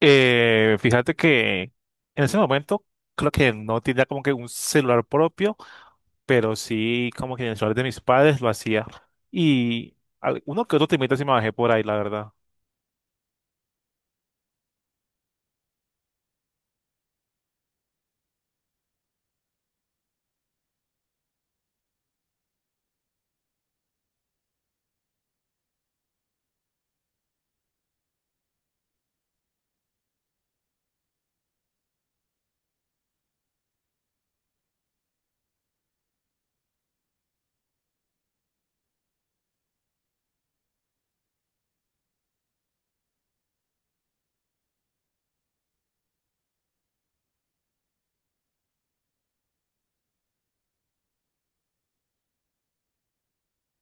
Fíjate que en ese momento creo que no tenía como que un celular propio, pero sí como que en el celular de mis padres lo hacía. Y uno que otro temita sí me bajé por ahí, la verdad.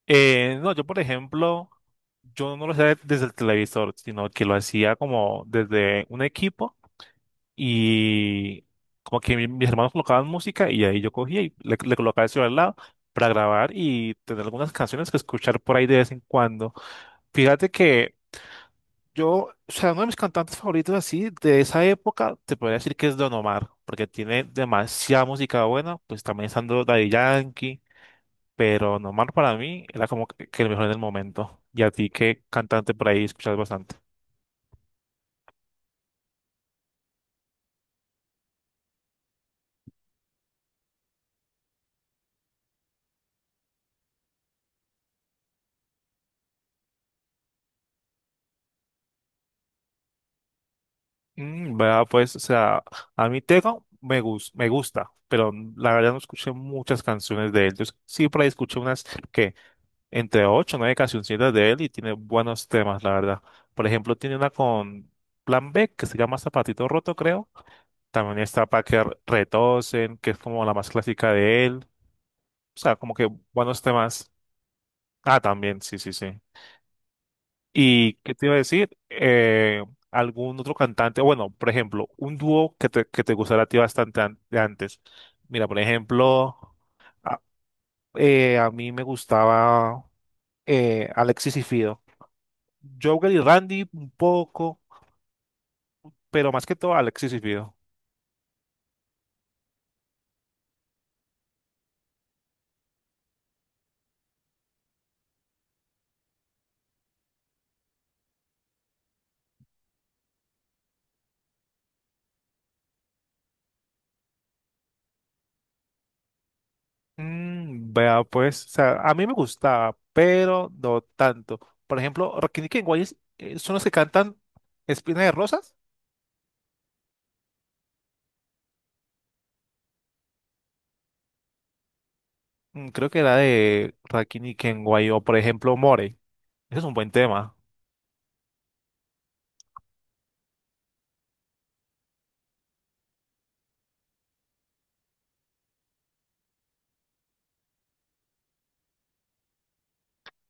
No, yo por ejemplo, yo no lo hacía desde el televisor, sino que lo hacía como desde un equipo y como que mis hermanos colocaban música y ahí yo cogía y le colocaba el celular al lado para grabar y tener algunas canciones que escuchar por ahí de vez en cuando. Fíjate que yo, o sea, uno de mis cantantes favoritos así de esa época, te podría decir que es Don Omar, porque tiene demasiada música buena, pues también estando Daddy Yankee, pero Don Omar para mí era como que el mejor en el momento. ¿Y a ti qué cantante por ahí escuchas bastante? Mm, vea, pues, o sea, a mí Tego me gusta, pero la verdad no escuché muchas canciones de él. Yo sí por ahí escuché unas que entre ocho o nueve cancioncitas de él y tiene buenos temas, la verdad. Por ejemplo, tiene una con Plan B que se llama Zapatito Roto, creo. También está para que retosen, que es como la más clásica de él. O sea, como que buenos temas. Ah, también, sí, sí, sí. ¿Y qué te iba a decir? ¿Algún otro cantante? Bueno, por ejemplo, un dúo que te gustara a ti bastante de antes. Mira, por ejemplo, a, a mí me gustaba Alexis y Fido. Jogger y Randy un poco, pero más que todo Alexis y Fido. Mm, vea, pues, o sea, a mí me gustaba, pero no tanto. Por ejemplo, Rakini Kenway son los que cantan Espina de Rosas. Mm, creo que era de Rakini Kenway o, por ejemplo, More. Ese es un buen tema,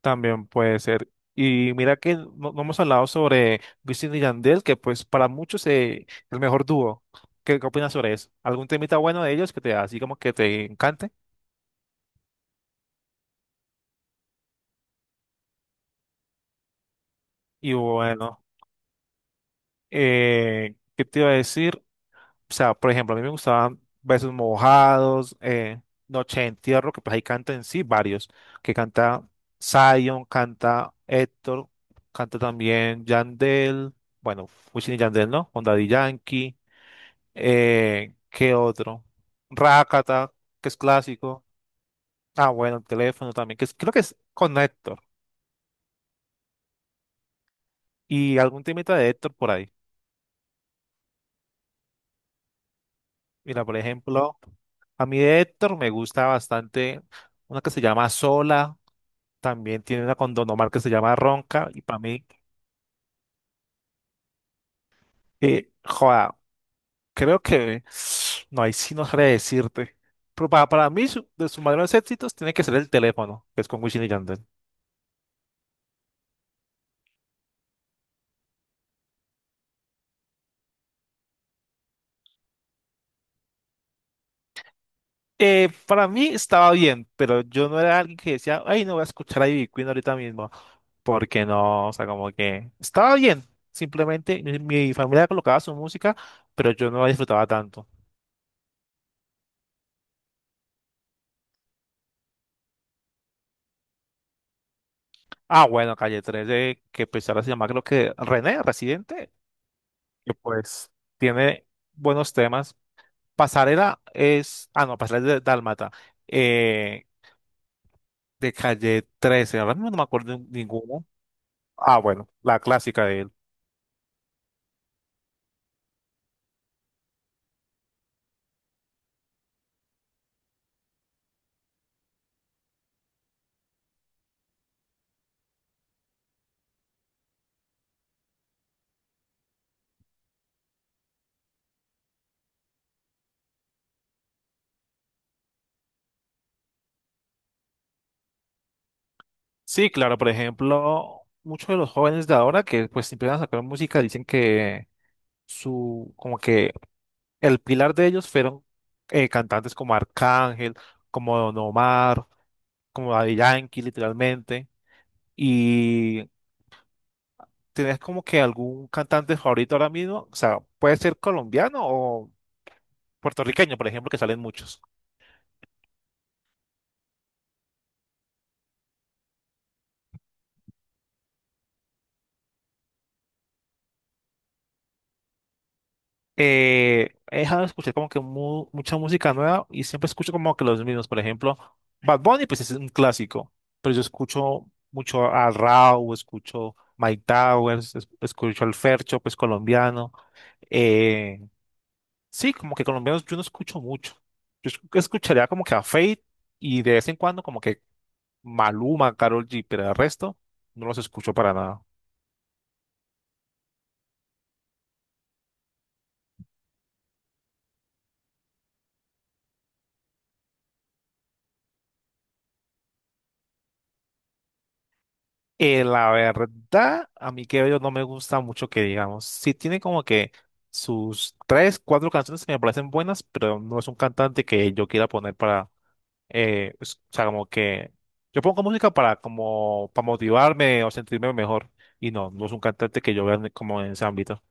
también puede ser. Y mira que no, no hemos hablado sobre Wisin y Yandel, que pues para muchos es el mejor dúo. ¿Qué, qué opinas sobre eso? ¿Algún temita bueno de ellos que te así como que te encante? Y bueno, ¿qué te iba a decir? O sea, por ejemplo, a mí me gustaban Besos Mojados, Noche de Entierro, que pues ahí canta en sí varios, que canta Zion, canta Héctor, canta también Yandel, bueno, Wisin y Yandel, ¿no? Onda Daddy Yankee. ¿Qué otro? Rakata, que es clásico. Ah, bueno, el teléfono también, creo que es con Héctor. Y algún temita de Héctor por ahí. Mira, por ejemplo, a mí de Héctor me gusta bastante una que se llama Sola. También tiene una con Don Omar que se llama Ronca. Y para mí, joda, creo que no, ahí sí no sabré decirte. Pero para mí, de sus mayores éxitos, tiene que ser el teléfono, que es con Wisin y Yandel. Para mí estaba bien, pero yo no era alguien que decía, ay, no voy a escuchar a Ivy Queen ahorita mismo, porque no, o sea, como que estaba bien, simplemente mi familia colocaba su música, pero yo no la disfrutaba tanto. Ah, bueno, Calle 13, que pues ahora se llama creo que René, Residente, que pues tiene buenos temas. Pasarela es, ah, no, Pasarela es de Dálmata, eh, de Calle 13, ahora mismo no me acuerdo de ninguno. Ah, bueno, la clásica de sí, claro, por ejemplo, muchos de los jóvenes de ahora que pues si empiezan a sacar música dicen que su, como que el pilar de ellos fueron cantantes como Arcángel, como Don Omar, como Daddy Yankee, literalmente. Y ¿tenés como que algún cantante favorito ahora mismo? O sea, puede ser colombiano o puertorriqueño, por ejemplo, que salen muchos. Eh, he dejado de escuchar como que mucha música nueva y siempre escucho como que los mismos. Por ejemplo, Bad Bunny, pues es un clásico, pero yo escucho mucho a Rauw, escucho Mike Towers, escucho al Fercho, pues colombiano. Eh, sí, como que colombianos yo no escucho mucho. Yo escucharía como que a Fate y de vez en cuando como que Maluma, Karol G, pero el resto no los escucho para nada. La verdad, a mí que yo no me gusta mucho que digamos. Sí tiene como que sus tres, cuatro canciones que me parecen buenas, pero no es un cantante que yo quiera poner para, o sea, como que yo pongo música para como para motivarme o sentirme mejor. Y no, no es un cantante que yo vea como en ese ámbito.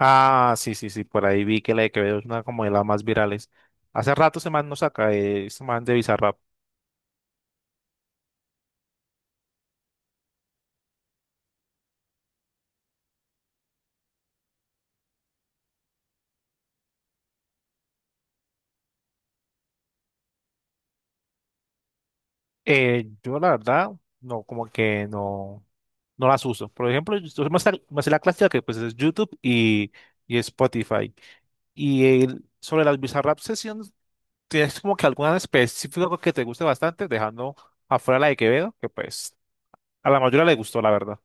Ah, sí, sí, sí, por ahí vi que la de Quevedo es una como de las más virales. Hace rato ese man no saca, ese man de Bizarrap. Yo la verdad, no, como que no, no las uso. Por ejemplo, yo me sé la clásica que pues es YouTube y Spotify. Y sobre las Bizarrap Sessions, ¿tienes como que alguna en específico que te guste bastante, dejando afuera la de Quevedo, que pues a la mayoría le gustó, la verdad?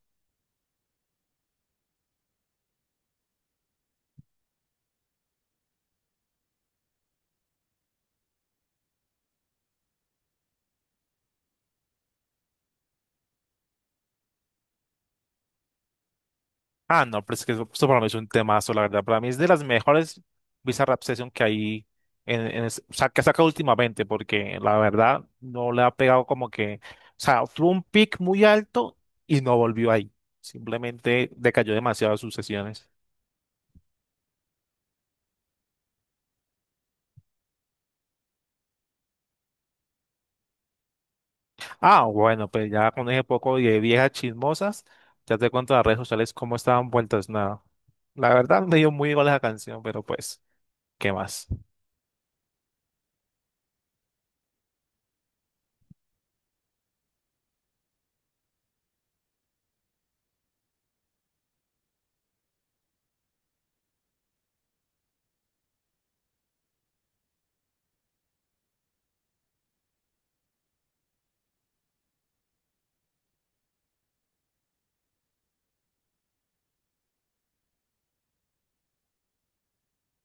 Ah, no, pero es que eso, esto para mí es un temazo, la verdad. Para mí es de las mejores Bizarrap Session que hay o sea, que saca últimamente, porque la verdad no le ha pegado como que, o sea, tuvo un pic muy alto y no volvió ahí. Simplemente decayó demasiado de sus sesiones. Ah, bueno, pues ya con ese poco de viejas chismosas, ya te cuento las redes sociales cómo estaban vueltas nada. La verdad me dio muy igual esa canción, pero pues, ¿qué más?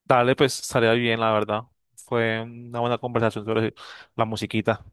Dale, pues estaría bien, la verdad. Fue una buena conversación sobre la musiquita.